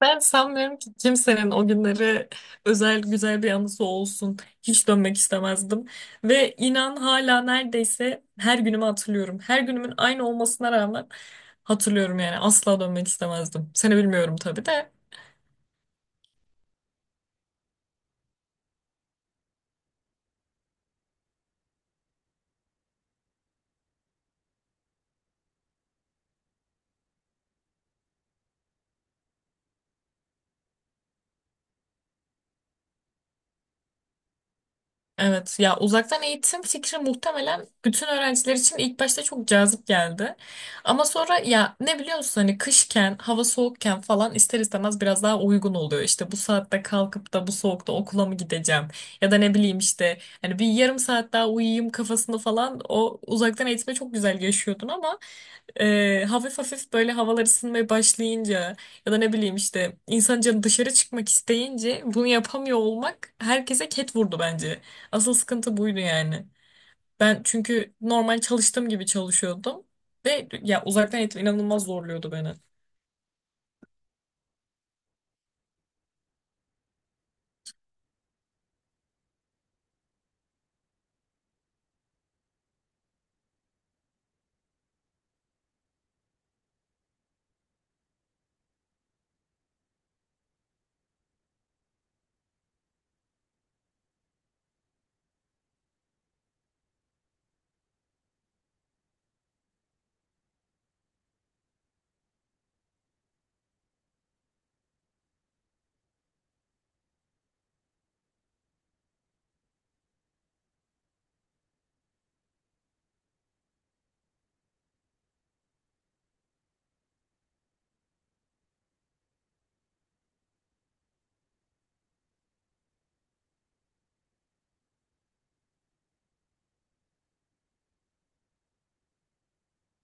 Ben sanmıyorum ki kimsenin o günleri özel güzel bir anısı olsun. Hiç dönmek istemezdim. Ve inan hala neredeyse her günümü hatırlıyorum. Her günümün aynı olmasına rağmen hatırlıyorum yani. Asla dönmek istemezdim. Seni bilmiyorum tabii de. Evet ya uzaktan eğitim fikri muhtemelen bütün öğrenciler için ilk başta çok cazip geldi. Ama sonra ya ne biliyorsun hani kışken hava soğukken falan ister istemez biraz daha uygun oluyor. İşte bu saatte kalkıp da bu soğukta okula mı gideceğim ya da ne bileyim işte hani bir yarım saat daha uyuyayım kafasında falan o uzaktan eğitime çok güzel yaşıyordun ama hafif hafif böyle havalar ısınmaya başlayınca ya da ne bileyim işte insan canı dışarı çıkmak isteyince bunu yapamıyor olmak herkese ket vurdu bence. Asıl sıkıntı buydu yani. Ben çünkü normal çalıştığım gibi çalışıyordum ve ya uzaktan eğitim inanılmaz zorluyordu beni.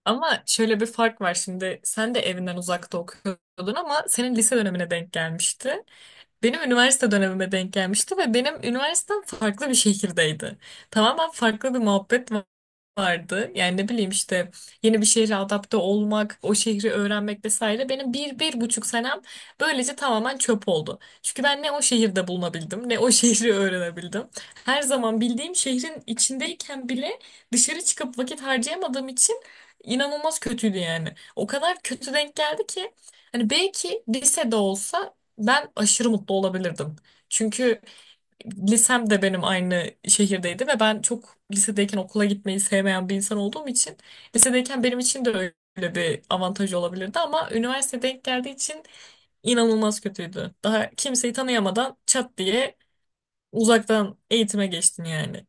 Ama şöyle bir fark var şimdi. Sen de evinden uzakta okuyordun ama senin lise dönemine denk gelmişti. Benim üniversite dönemime denk gelmişti ve benim üniversitem farklı bir şehirdeydi. Tamamen farklı bir muhabbet vardı. Yani ne bileyim işte yeni bir şehre adapte olmak, o şehri öğrenmek vesaire. Benim 1,5 senem böylece tamamen çöp oldu. Çünkü ben ne o şehirde bulunabildim, ne o şehri öğrenebildim. Her zaman bildiğim şehrin içindeyken bile dışarı çıkıp vakit harcayamadığım için inanılmaz kötüydü yani. O kadar kötü denk geldi ki hani belki lisede olsa ben aşırı mutlu olabilirdim. Çünkü lisem de benim aynı şehirdeydi ve ben çok lisedeyken okula gitmeyi sevmeyen bir insan olduğum için lisedeyken benim için de öyle bir avantaj olabilirdi ama üniversite denk geldiği için inanılmaz kötüydü. Daha kimseyi tanıyamadan çat diye uzaktan eğitime geçtin yani.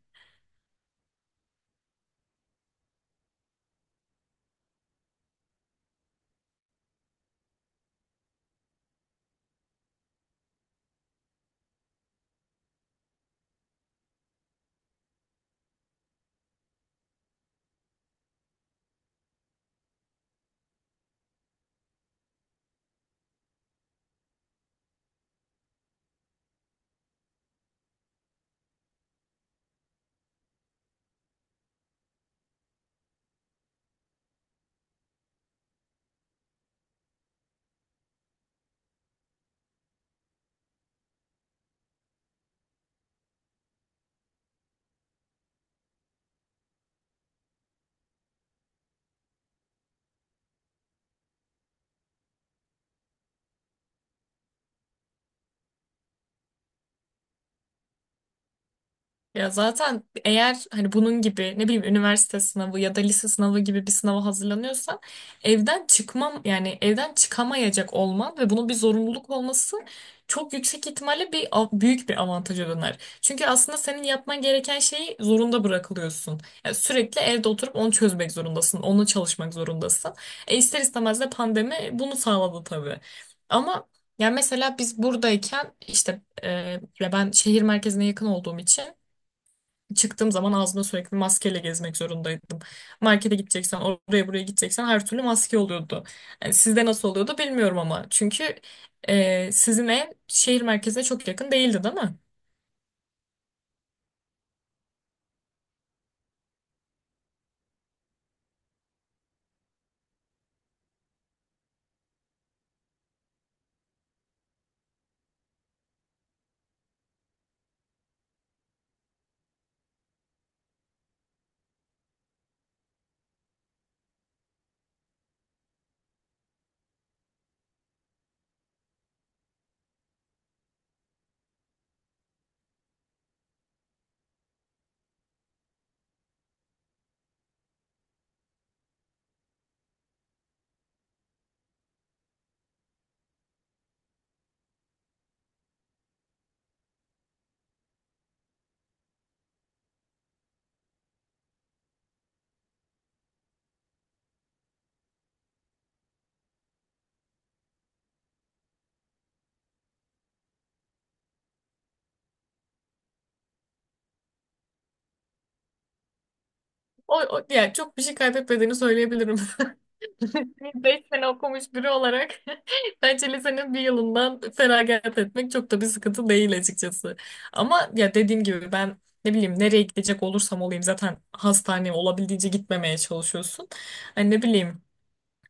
Ya zaten eğer hani bunun gibi ne bileyim üniversite sınavı ya da lise sınavı gibi bir sınava hazırlanıyorsan evden çıkmam yani evden çıkamayacak olman ve bunun bir zorunluluk olması çok yüksek ihtimalle büyük bir avantaja döner. Çünkü aslında senin yapman gereken şeyi zorunda bırakılıyorsun. Yani sürekli evde oturup onu çözmek zorundasın, onu çalışmak zorundasın. E ister istemez de pandemi bunu sağladı tabii. Ama yani mesela biz buradayken işte ya ben şehir merkezine yakın olduğum için çıktığım zaman ağzımda sürekli maskeyle gezmek zorundaydım. Markete gideceksen, oraya buraya gideceksen her türlü maske oluyordu. Yani sizde nasıl oluyordu bilmiyorum ama. Çünkü sizin ev şehir merkezine çok yakın değildi, değil mi? O, o yani çok bir şey kaybetmediğini söyleyebilirim. 5 sene okumuş biri olarak bence lisenin bir yılından feragat etmek çok da bir sıkıntı değil açıkçası. Ama ya dediğim gibi ben ne bileyim nereye gidecek olursam olayım zaten hastaneye olabildiğince gitmemeye çalışıyorsun. Hani ne bileyim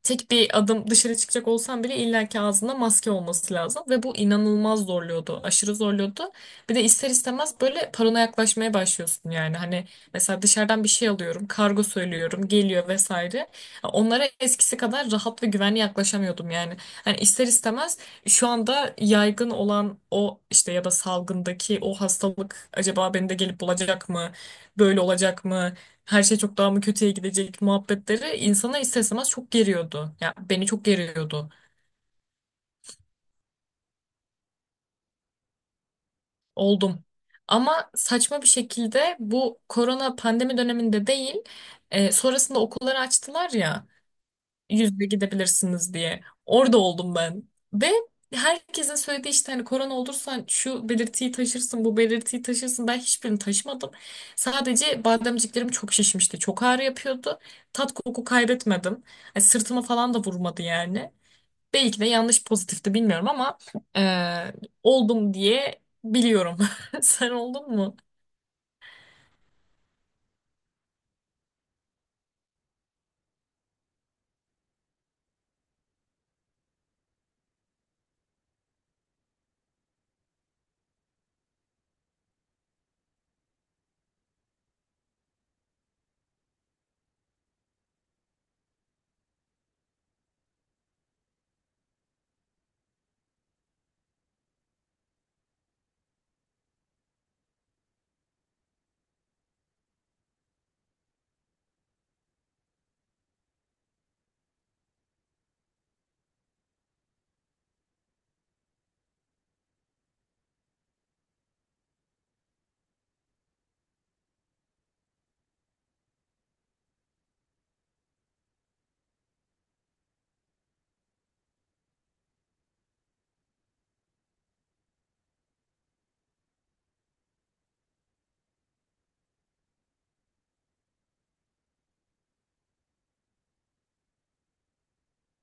tek bir adım dışarı çıkacak olsam bile illaki ağzında maske olması lazım ve bu inanılmaz zorluyordu. Aşırı zorluyordu. Bir de ister istemez böyle paranoya yaklaşmaya başlıyorsun yani. Hani mesela dışarıdan bir şey alıyorum, kargo söylüyorum, geliyor vesaire. Onlara eskisi kadar rahat ve güvenli yaklaşamıyordum yani. Hani ister istemez şu anda yaygın olan o işte ya da salgındaki o hastalık acaba beni de gelip bulacak mı? Böyle olacak mı? Her şey çok daha mı kötüye gidecek muhabbetleri insana ister istemez çok geriyordu. Ya beni çok geriyordu. Oldum. Ama saçma bir şekilde bu korona pandemi döneminde değil, sonrasında okulları açtılar ya yüzde gidebilirsiniz diye. Orada oldum ben. Ve herkesin söylediği işte hani korona olursan şu belirtiyi taşırsın, bu belirtiyi taşırsın. Ben hiçbirini taşımadım. Sadece bademciklerim çok şişmişti. Çok ağrı yapıyordu. Tat koku kaybetmedim. Yani sırtıma falan da vurmadı yani. Belki de yanlış pozitifti bilmiyorum ama e, oldum diye biliyorum. Sen oldun mu?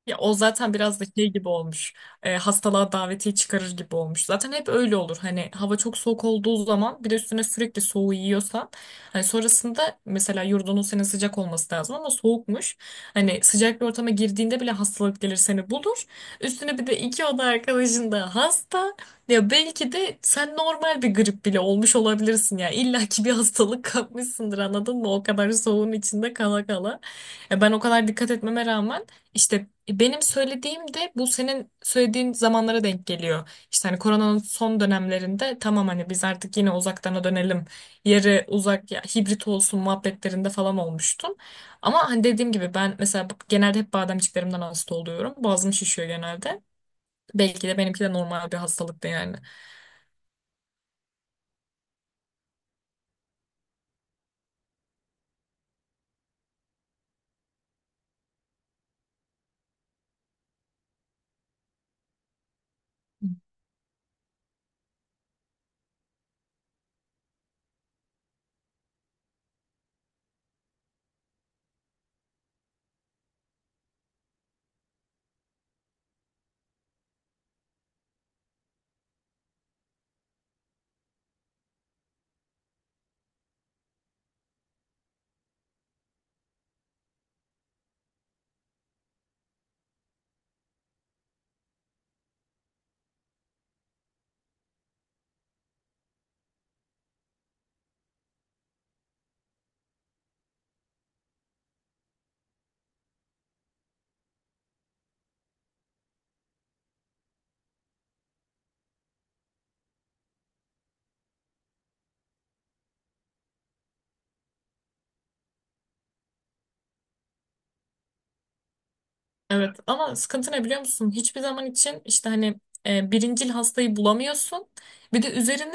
Ya o zaten biraz da şey gibi olmuş. E, hastalığa davetiye çıkarır gibi olmuş. Zaten hep öyle olur. Hani hava çok soğuk olduğu zaman bir de üstüne sürekli soğuğu yiyorsan hani sonrasında mesela yurdunun senin sıcak olması lazım ama soğukmuş. Hani sıcak bir ortama girdiğinde bile hastalık gelir seni bulur. Üstüne bir de iki oda arkadaşın da hasta. Ya belki de sen normal bir grip bile olmuş olabilirsin ya. İlla ki bir hastalık kapmışsındır anladın mı? O kadar soğuğun içinde kala kala. Ya ben o kadar dikkat etmeme rağmen işte benim söylediğim de bu senin söylediğin zamanlara denk geliyor. İşte hani koronanın son dönemlerinde tamam hani biz artık yine uzaktana dönelim. Yarı uzak ya hibrit olsun muhabbetlerinde falan olmuştum. Ama hani dediğim gibi ben mesela genelde hep bademciklerimden hasta oluyorum. Boğazım şişiyor genelde. Belki de benimki de normal bir hastalıktı yani. Evet ama sıkıntı ne biliyor musun? Hiçbir zaman için işte hani birincil hastayı bulamıyorsun. Bir de üzerine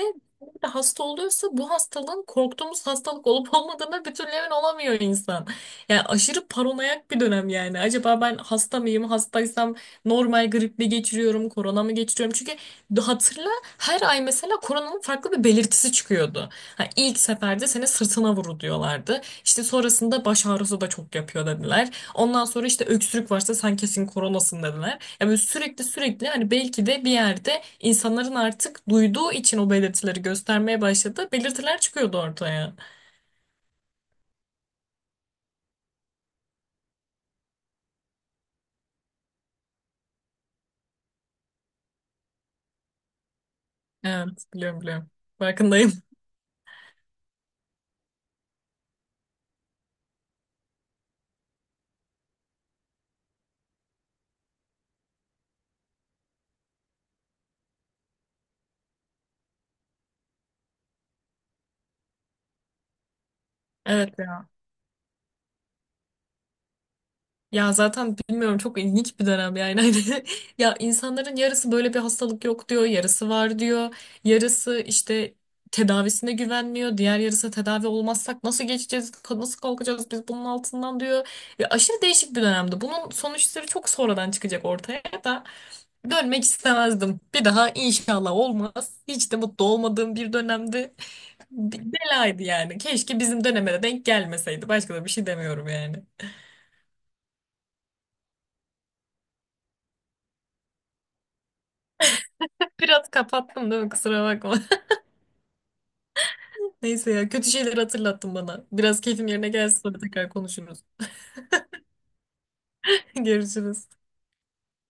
bir de hasta oluyorsa bu hastalığın korktuğumuz hastalık olup olmadığına bir türlü emin olamıyor insan. Yani aşırı paranoyak bir dönem yani. Acaba ben hasta mıyım? Hastaysam normal grip mi geçiriyorum? Korona mı geçiriyorum? Çünkü hatırla her ay mesela koronanın farklı bir belirtisi çıkıyordu. Ha, ilk seferde seni sırtına vuru diyorlardı. İşte sonrasında baş ağrısı da çok yapıyor dediler. Ondan sonra işte öksürük varsa sen kesin koronasın dediler. Ya böyle sürekli sürekli hani belki de bir yerde insanların artık duyduğu için o belirtileri göstermeye başladı. Belirtiler çıkıyordu ortaya. Evet biliyorum biliyorum. Farkındayım. Evet ya. Ya zaten bilmiyorum çok ilginç bir dönem yani hani ya insanların yarısı böyle bir hastalık yok diyor, yarısı var diyor. Yarısı işte tedavisine güvenmiyor, diğer yarısı tedavi olmazsak nasıl geçeceğiz, nasıl kalkacağız biz bunun altından diyor. Ya aşırı değişik bir dönemdi. Bunun sonuçları çok sonradan çıkacak ortaya da dönmek istemezdim. Bir daha inşallah olmaz. Hiç de mutlu olmadığım bir dönemdi. Bir belaydı yani. Keşke bizim döneme de denk gelmeseydi. Başka da bir şey demiyorum yani. Biraz kapattım değil mi? Kusura bakma. Neyse ya kötü şeyleri hatırlattın bana. Biraz keyfim yerine gelsin sonra tekrar konuşuruz. Görüşürüz.